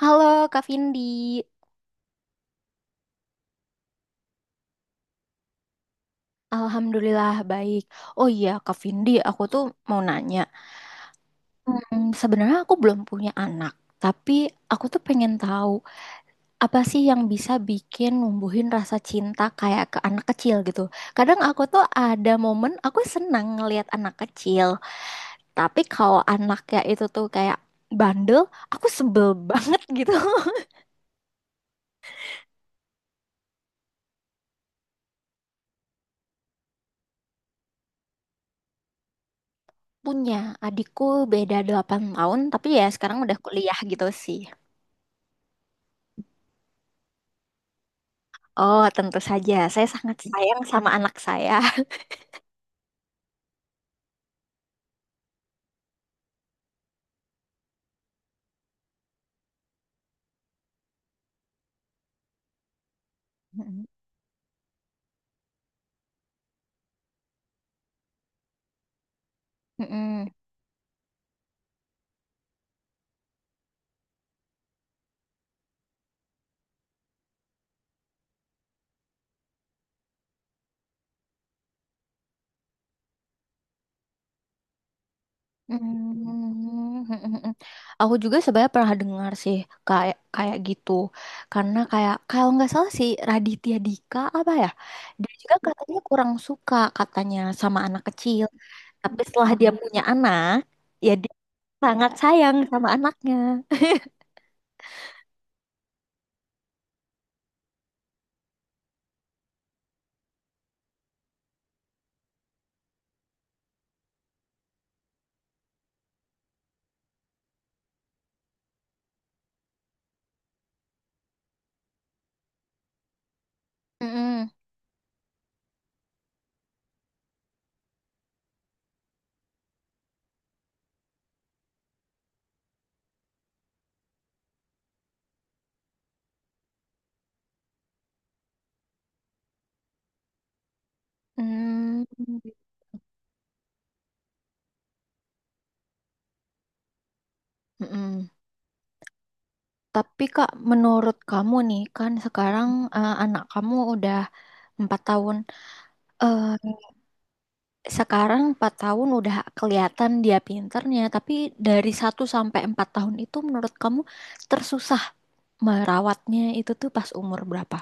Halo Kak Vindi, Alhamdulillah baik. Oh iya Kak Vindi, aku tuh mau nanya. Sebenarnya aku belum punya anak, tapi aku tuh pengen tahu apa sih yang bisa bikin numbuhin rasa cinta kayak ke anak kecil gitu. Kadang aku tuh ada momen aku senang ngelihat anak kecil, tapi kalau anaknya itu tuh kayak bandel, aku sebel banget gitu. Punya adikku beda 8 tahun, tapi ya sekarang udah kuliah gitu sih. Oh, tentu saja. Saya sangat sayang sama anak saya. Mm-mm. Mm-mm. Mm-mm. Aku juga sebenarnya pernah dengar sih kayak kayak gitu. Karena kayak kalau nggak salah sih Raditya Dika apa ya? Dia juga katanya kurang suka katanya sama anak kecil. Tapi setelah dia punya anak, ya dia sangat sayang sama anaknya. Mm-mm. Mm. Mm-mm. Tapi Kak, menurut kamu nih kan sekarang anak kamu udah 4 tahun. Eh, Sekarang 4 tahun udah kelihatan dia pinternya, tapi dari 1 sampai 4 tahun itu menurut kamu tersusah merawatnya itu tuh pas umur berapa?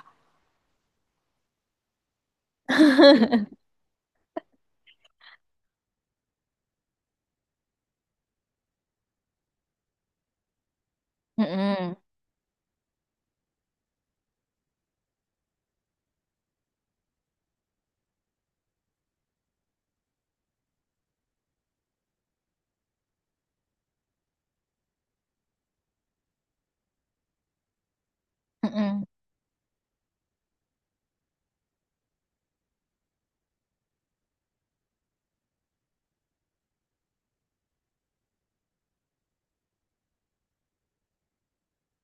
Mm-mm. Mm-mm.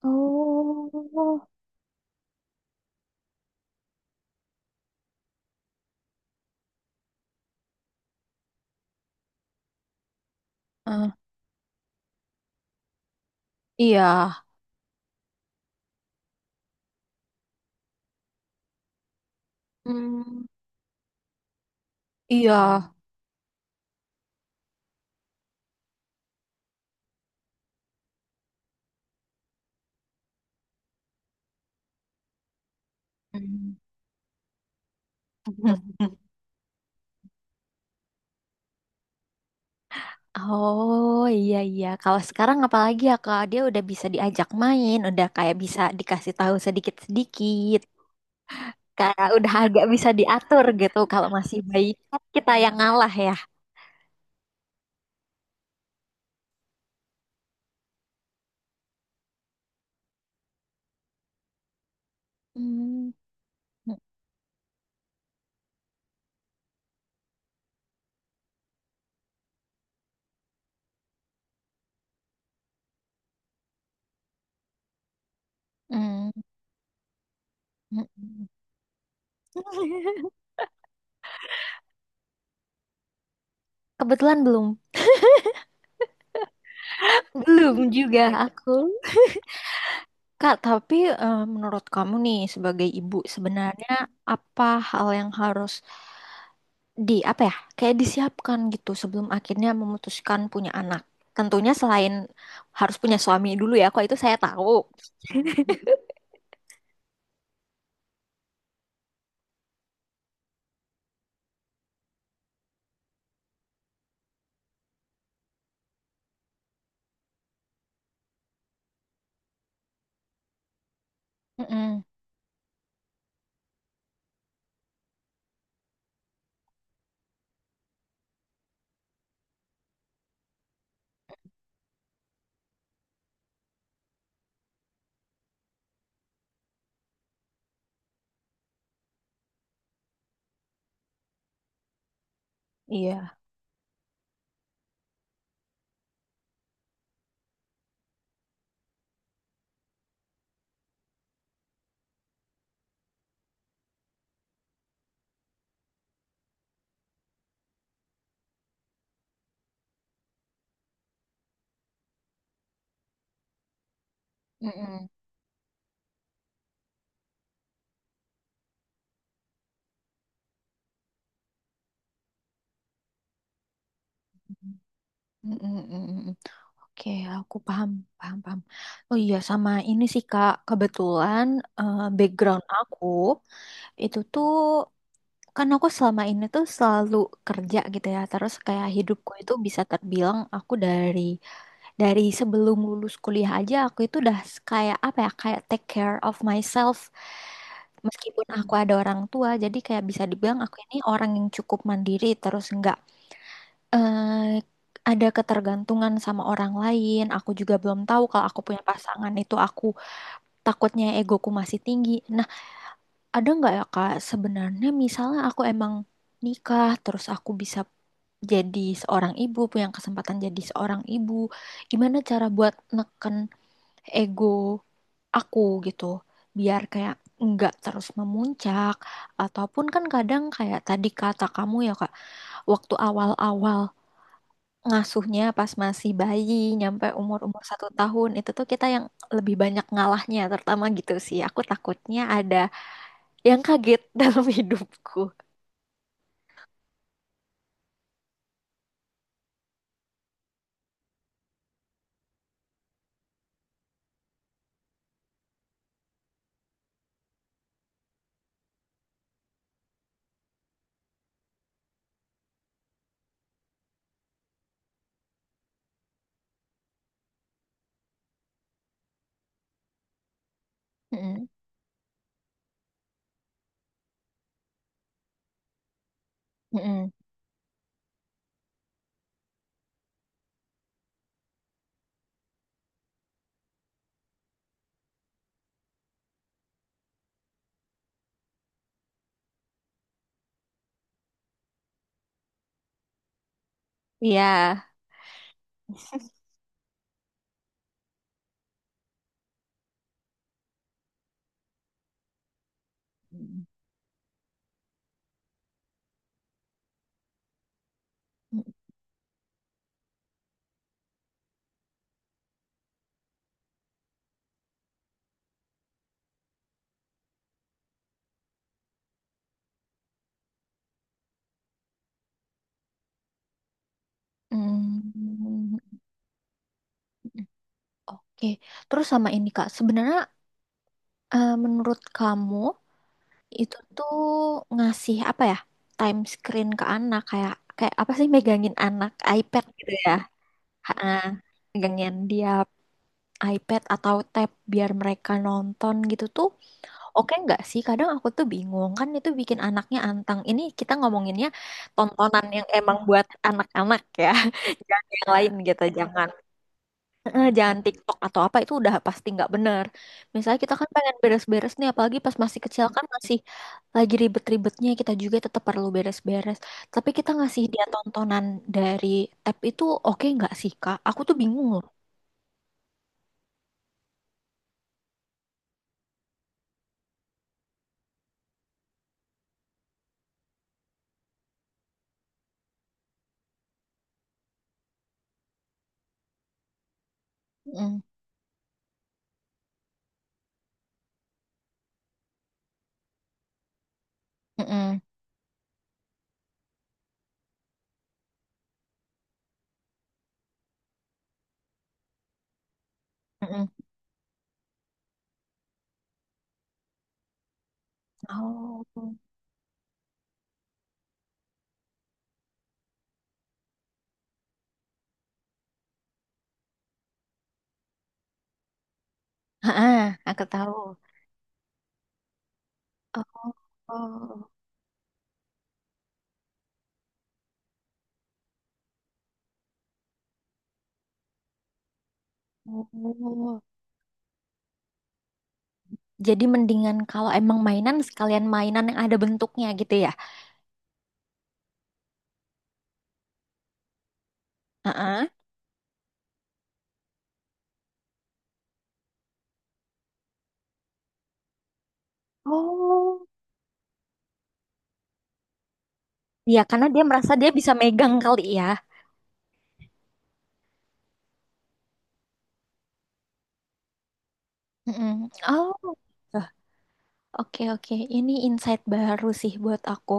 Oh, Eh, iya. Mm. Iya. Mm. Oh iya iya. Kalau sekarang apalagi ya kalau dia udah bisa diajak main, udah kayak bisa dikasih tahu sedikit-sedikit. Kayak udah agak bisa diatur gitu, kalau masih bayi kan kita yang ngalah ya. Hmm. Mm, mm, mm. Kebetulan belum belum juga aku Kak, tapi menurut kamu nih sebagai ibu, sebenarnya apa hal yang harus di apa ya, kayak disiapkan gitu sebelum akhirnya memutuskan punya anak, tentunya selain harus punya suami dulu ya, kok itu saya tahu. Mm-mm. Iya. Mm-mm. Mm-mm, mm-mm. Oke, aku paham, paham, paham. Oh iya, sama ini sih Kak, kebetulan background aku itu tuh, kan aku selama ini tuh selalu kerja gitu ya. Terus kayak hidupku itu bisa terbilang aku dari sebelum lulus kuliah aja aku itu udah kayak apa ya, kayak take care of myself. Meskipun aku ada orang tua, jadi kayak bisa dibilang aku ini orang yang cukup mandiri, terus nggak eh ada ketergantungan sama orang lain. Aku juga belum tahu kalau aku punya pasangan itu, aku takutnya egoku masih tinggi. Nah, ada nggak ya Kak, sebenarnya misalnya aku emang nikah terus aku bisa jadi seorang ibu, punya kesempatan jadi seorang ibu. Gimana cara buat neken ego aku gitu biar kayak nggak terus memuncak, ataupun kan kadang kayak tadi kata kamu ya Kak, waktu awal-awal ngasuhnya pas masih bayi nyampe umur-umur 1 tahun itu tuh kita yang lebih banyak ngalahnya, terutama gitu sih aku takutnya ada yang kaget dalam hidupku. Mm-mm. Mm-mm. Iya. Mm. Mm. Oke, terus sama ini Kak, sebenarnya menurut kamu itu tuh ngasih apa ya? Time screen ke anak kayak kayak apa sih, megangin anak iPad gitu ya? Ha, megangin dia iPad atau tab biar mereka nonton gitu tuh oke nggak sih? Kadang aku tuh bingung, kan itu bikin anaknya antang. Ini kita ngomonginnya tontonan yang emang buat anak-anak ya, jangan yang lain gitu, jangan TikTok atau apa, itu udah pasti nggak bener. Misalnya kita kan pengen beres-beres nih, apalagi pas masih kecil kan masih lagi ribet-ribetnya, kita juga tetap perlu beres-beres. Tapi kita ngasih dia tontonan dari tab itu oke nggak sih Kak? Aku tuh bingung loh. Mm, mm, mm, mm. Oh, ah aku tahu. Oh, oh. Jadi mendingan kalau emang mainan, sekalian mainan yang ada bentuknya gitu ya. Heeh. Oh, ya karena dia merasa dia bisa megang kali ya. Mm-mm. Oh, eh, oke, oke. Ini insight baru sih buat aku.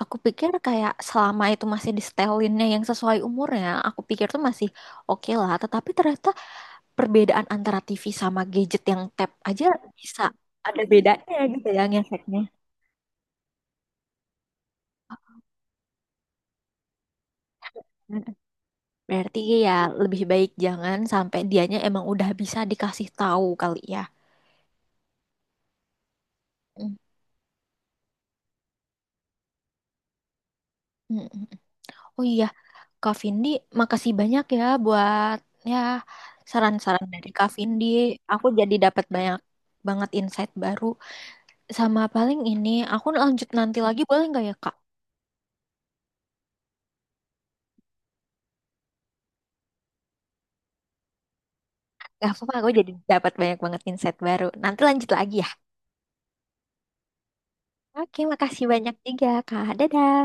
Aku pikir kayak selama itu masih di setelinnya yang sesuai umurnya, aku pikir tuh masih oke lah. Tetapi ternyata perbedaan antara TV sama gadget yang tap aja bisa ada bedanya gitu ya ngefeknya. Berarti ya lebih baik jangan sampai, dianya emang udah bisa dikasih tahu kali ya. Mm, mm, mm. Oh iya, Kak Vindi, makasih banyak ya buat ya, saran-saran dari Kak Vindi. Aku jadi dapat banyak banget insight baru. Sama paling ini, aku lanjut nanti lagi boleh nggak ya Kak? Gak apa-apa, aku jadi dapat banyak banget insight baru. Nanti lanjut lagi ya. Oke, makasih banyak juga, Kak. Dadah.